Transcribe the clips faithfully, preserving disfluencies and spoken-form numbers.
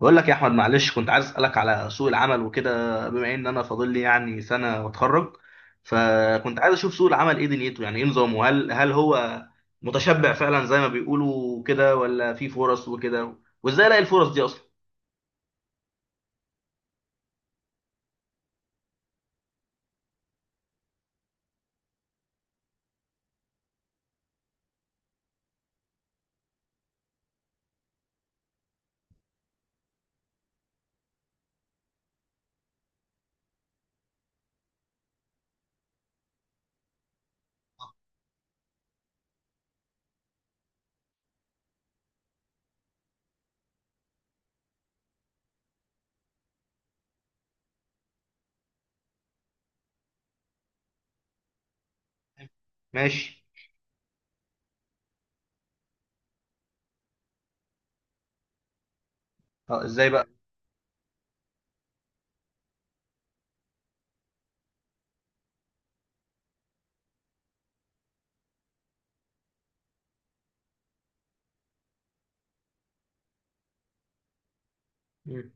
بقول لك يا احمد، معلش كنت عايز اسالك على سوق العمل وكده. بما ان انا فاضل لي يعني سنه واتخرج، فكنت عايز اشوف سوق العمل ايه دنيته، يعني ايه نظامه. هل هل هو متشبع فعلا زي ما بيقولوا كده، ولا في فرص وكده؟ وازاي الاقي الفرص دي اصلا؟ ماشي. اه، ازاي بقى؟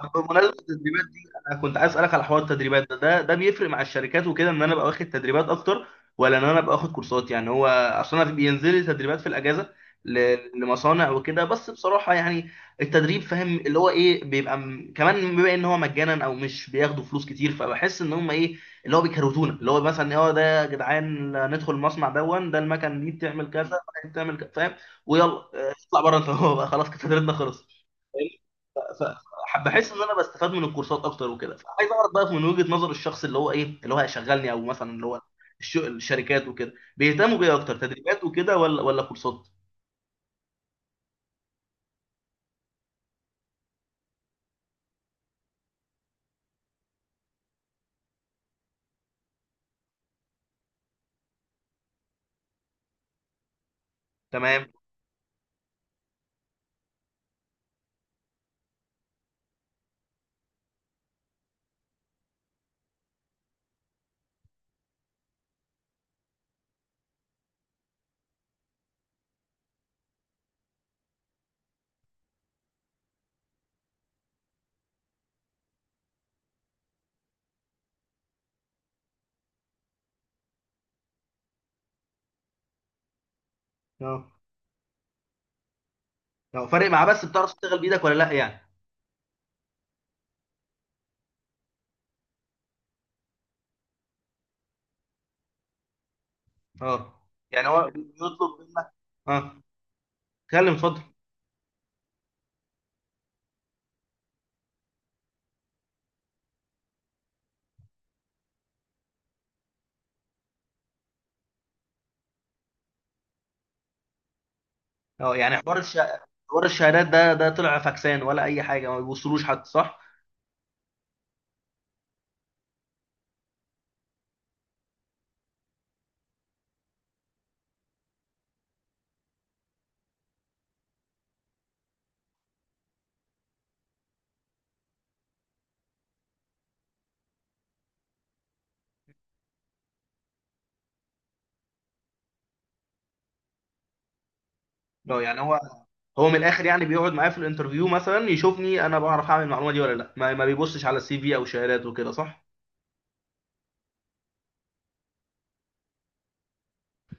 طب بمناسبة التدريبات دي، أنا كنت عايز أسألك على حوار التدريبات ده. ده, ده بيفرق مع الشركات وكده إن أنا أبقى واخد تدريبات أكتر، ولا إن أنا أبقى واخد كورسات؟ يعني هو أصل أنا بينزل لي تدريبات في الأجازة ل- لمصانع وكده، بس بصراحة يعني التدريب فاهم اللي هو إيه، بيبقى م- كمان بما إن هو مجانا أو مش بياخدوا فلوس كتير، فبحس إن هم إيه، اللي هو بيكروتونا، اللي هو مثلا هو ده يا جدعان ندخل المصنع دون، ده المكن دي بتعمل كذا، بتعمل كذا، فاهم؟ ويلا آه، اطلع بره أنت. هو بقى خلاص كده تدريبنا خلص. ف- بحس ان انا بستفاد من الكورسات اكتر وكده، فعايز اعرف بقى من وجهة نظر الشخص اللي هو ايه اللي هو هيشغلني، او مثلا اللي هو الش- الشركات وكده بيهتموا بايه اكتر، تدريبات وكده ولا ولا كورسات؟ تمام. اه. اه، فارق معاه، بس بتعرف تشتغل بايدك ولا لا يعني؟ اه، يعني هو بيطلب منك. اه، اتكلم اتفضل. اه يعني حوار الش... حوار الشهادات ده، ده طلع فاكسان ولا اي حاجه، ما بيوصلوش حتى صح؟ لا يعني هو، هو من الاخر يعني بيقعد معايا في الانترفيو مثلا يشوفني انا بعرف اعمل المعلومه دي ولا لا، ما, ما بيبصش على السي في او شهادات وكده، صح؟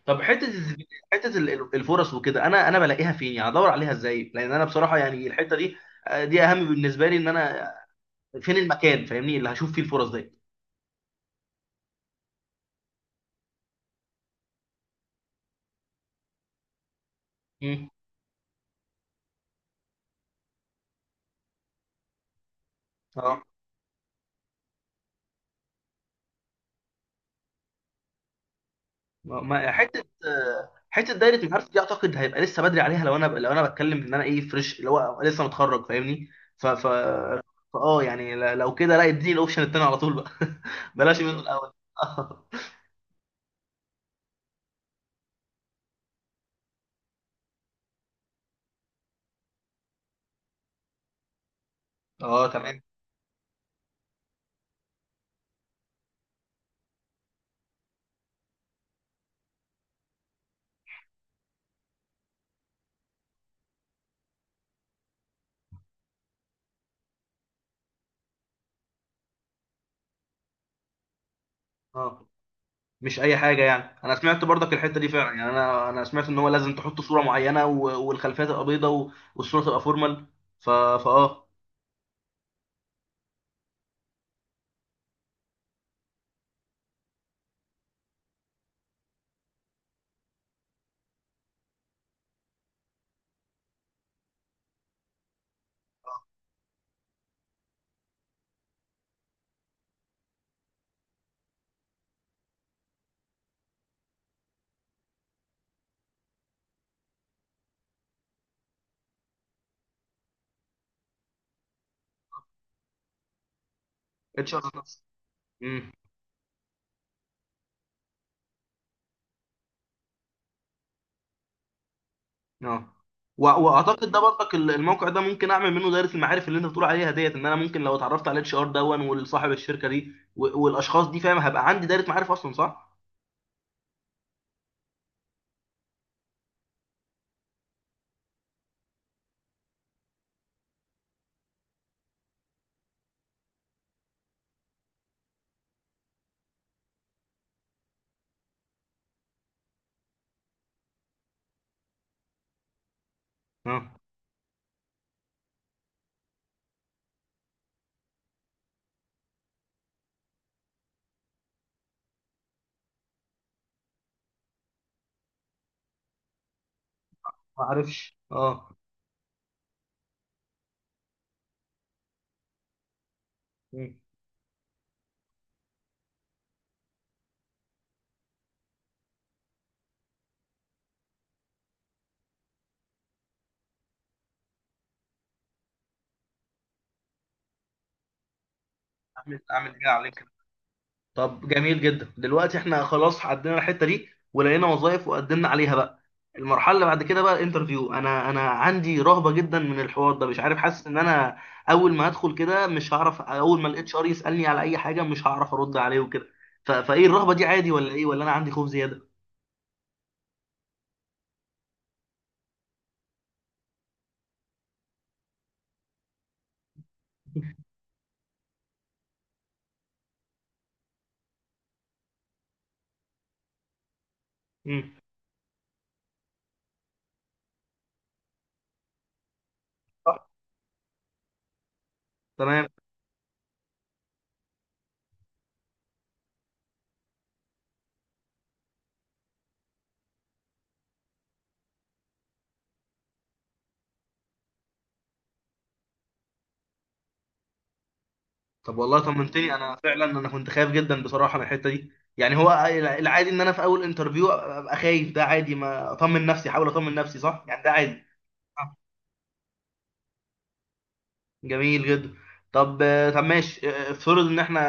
طب حته الز- حته ال- الفرص وكده انا انا بلاقيها فين يعني؟ ادور عليها ازاي؟ لان انا بصراحه يعني الحته دي آه، دي اهم بالنسبه لي، ان انا فين المكان فاهمني اللي هشوف فيه الفرص دي. مم. اه، ما ما- حته آه، حته دايره المعارف دي اعتقد هيبقى لسه بدري عليها، لو انا، لو انا بتكلم ان انا ايه، فريش، اللي هو لسه متخرج فاهمني. ف ف اه يعني ل- لو كده لا اديني الاوبشن التاني على طول بقى. بلاش منه الاول. اه، تمام. اه، مش اي حاجه يعني. انا سمعت برضك الحته دي فعلا، يعني انا، انا سمعت ان هو لازم تحط صوره معينه، و- والخلفيه تبقى بيضه، و- والصوره تبقى فورمال. ف فاه اتش ار. اه، و- واعتقد ده برضك ال- الموقع ده ممكن اعمل منه دايره المعارف اللي انت بتقول عليها ديت، ان انا ممكن لو اتعرفت على الاتش ار دون والصاحب الشركه دي، و- والاشخاص دي فاهم، هبقى عندي دايره معارف اصلا صح؟ اه، ما اعرفش. اه. مم. اعمل اعمل ايه عليك. طب جميل جدا، دلوقتي احنا خلاص عدينا الحته دي ولقينا وظائف وقدمنا عليها. بقى المرحله اللي بعد كده بقى الانترفيو، انا انا عندي رهبه جدا من الحوار ده، مش عارف. حاسس ان انا اول ما هدخل كده مش هعرف، اول ما الاتش ار يسالني على اي حاجه مش هعرف ارد عليه وكده. ف- فايه الرهبه دي، عادي ولا ايه؟ ولا انا عندي خوف زياده؟ مم. صح. تمام. طب والله طمنتني، انا فعلا انا كنت خايف جدا بصراحه من الحته دي. يعني هو العادي ان انا في اول انترفيو ابقى خايف ده عادي؟ ما اطمن نفسي، احاول اطمن نفسي، صح؟ يعني ده عادي. جميل جدا. طب، طب ماشي، افترض ان احنا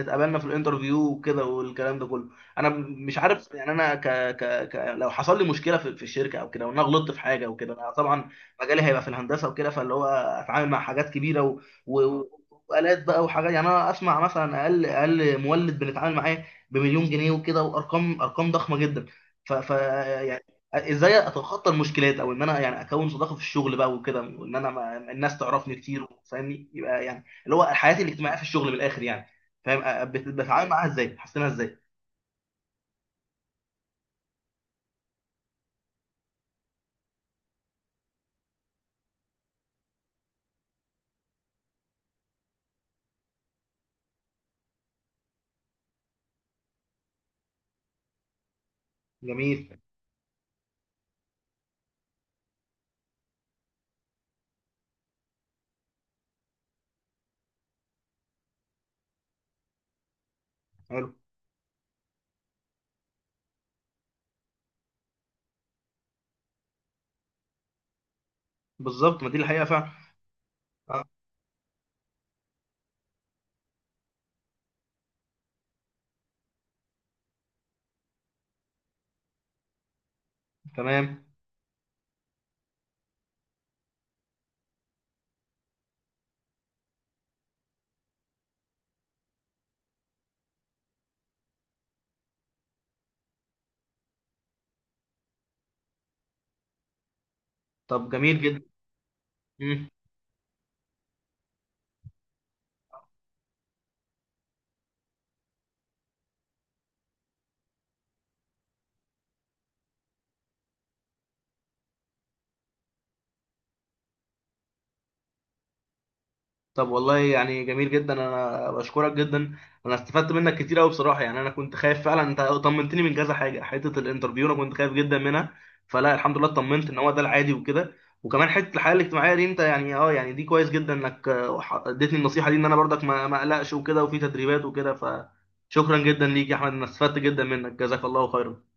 اتقابلنا في الانترفيو وكده، والكلام ده كله. انا مش عارف يعني انا ك... ك... ك... لو حصل لي مشكله في, في الشركه او كده، وان انا غلطت في حاجه وكده، انا طبعا مجالي هيبقى في الهندسه وكده، فاللي هو اتعامل مع حاجات كبيره و... و... والات بقى وحاجات. يعني انا اسمع مثلا اقل، اقل مولد بنتعامل معاه بمليون جنيه وكده، وارقام، ارقام ضخمه جدا. ف... ف... ازاي اتخطى المشكلات، او ان انا يعني اكون صداقه في الشغل بقى وكده، وان انا، ما الناس تعرفني كتير فاهمني، يبقى يعني اللي هو حياتي الاجتماعيه في الشغل من الاخر يعني، فاهم؟ أ- بت- بتعامل معاها ازاي، حسنها ازاي؟ جميل. حلو. بالظبط، ما دي الحقيقه فعلا. آه. تمام. طب جميل جدا. مم. طب والله يعني جميل جدا، انا بشكرك جدا. انا استفدت منك كتير قوي بصراحه. يعني انا كنت خايف فعلا، انت طمنتني من كذا حاجه. حته الانترفيو انا كنت خايف جدا منها، فلا الحمد لله اطمنت ان هو ده العادي وكده. وكمان حته الحياه الاجتماعيه دي انت يعني اه يعني دي كويس جدا انك آه، ح- اديتني النصيحه دي، ان انا برضك ما ما اقلقش وكده، وفي تدريبات وكده. فشكرا جدا ليك يا احمد، انا استفدت جدا منك، جزاك الله خيرا.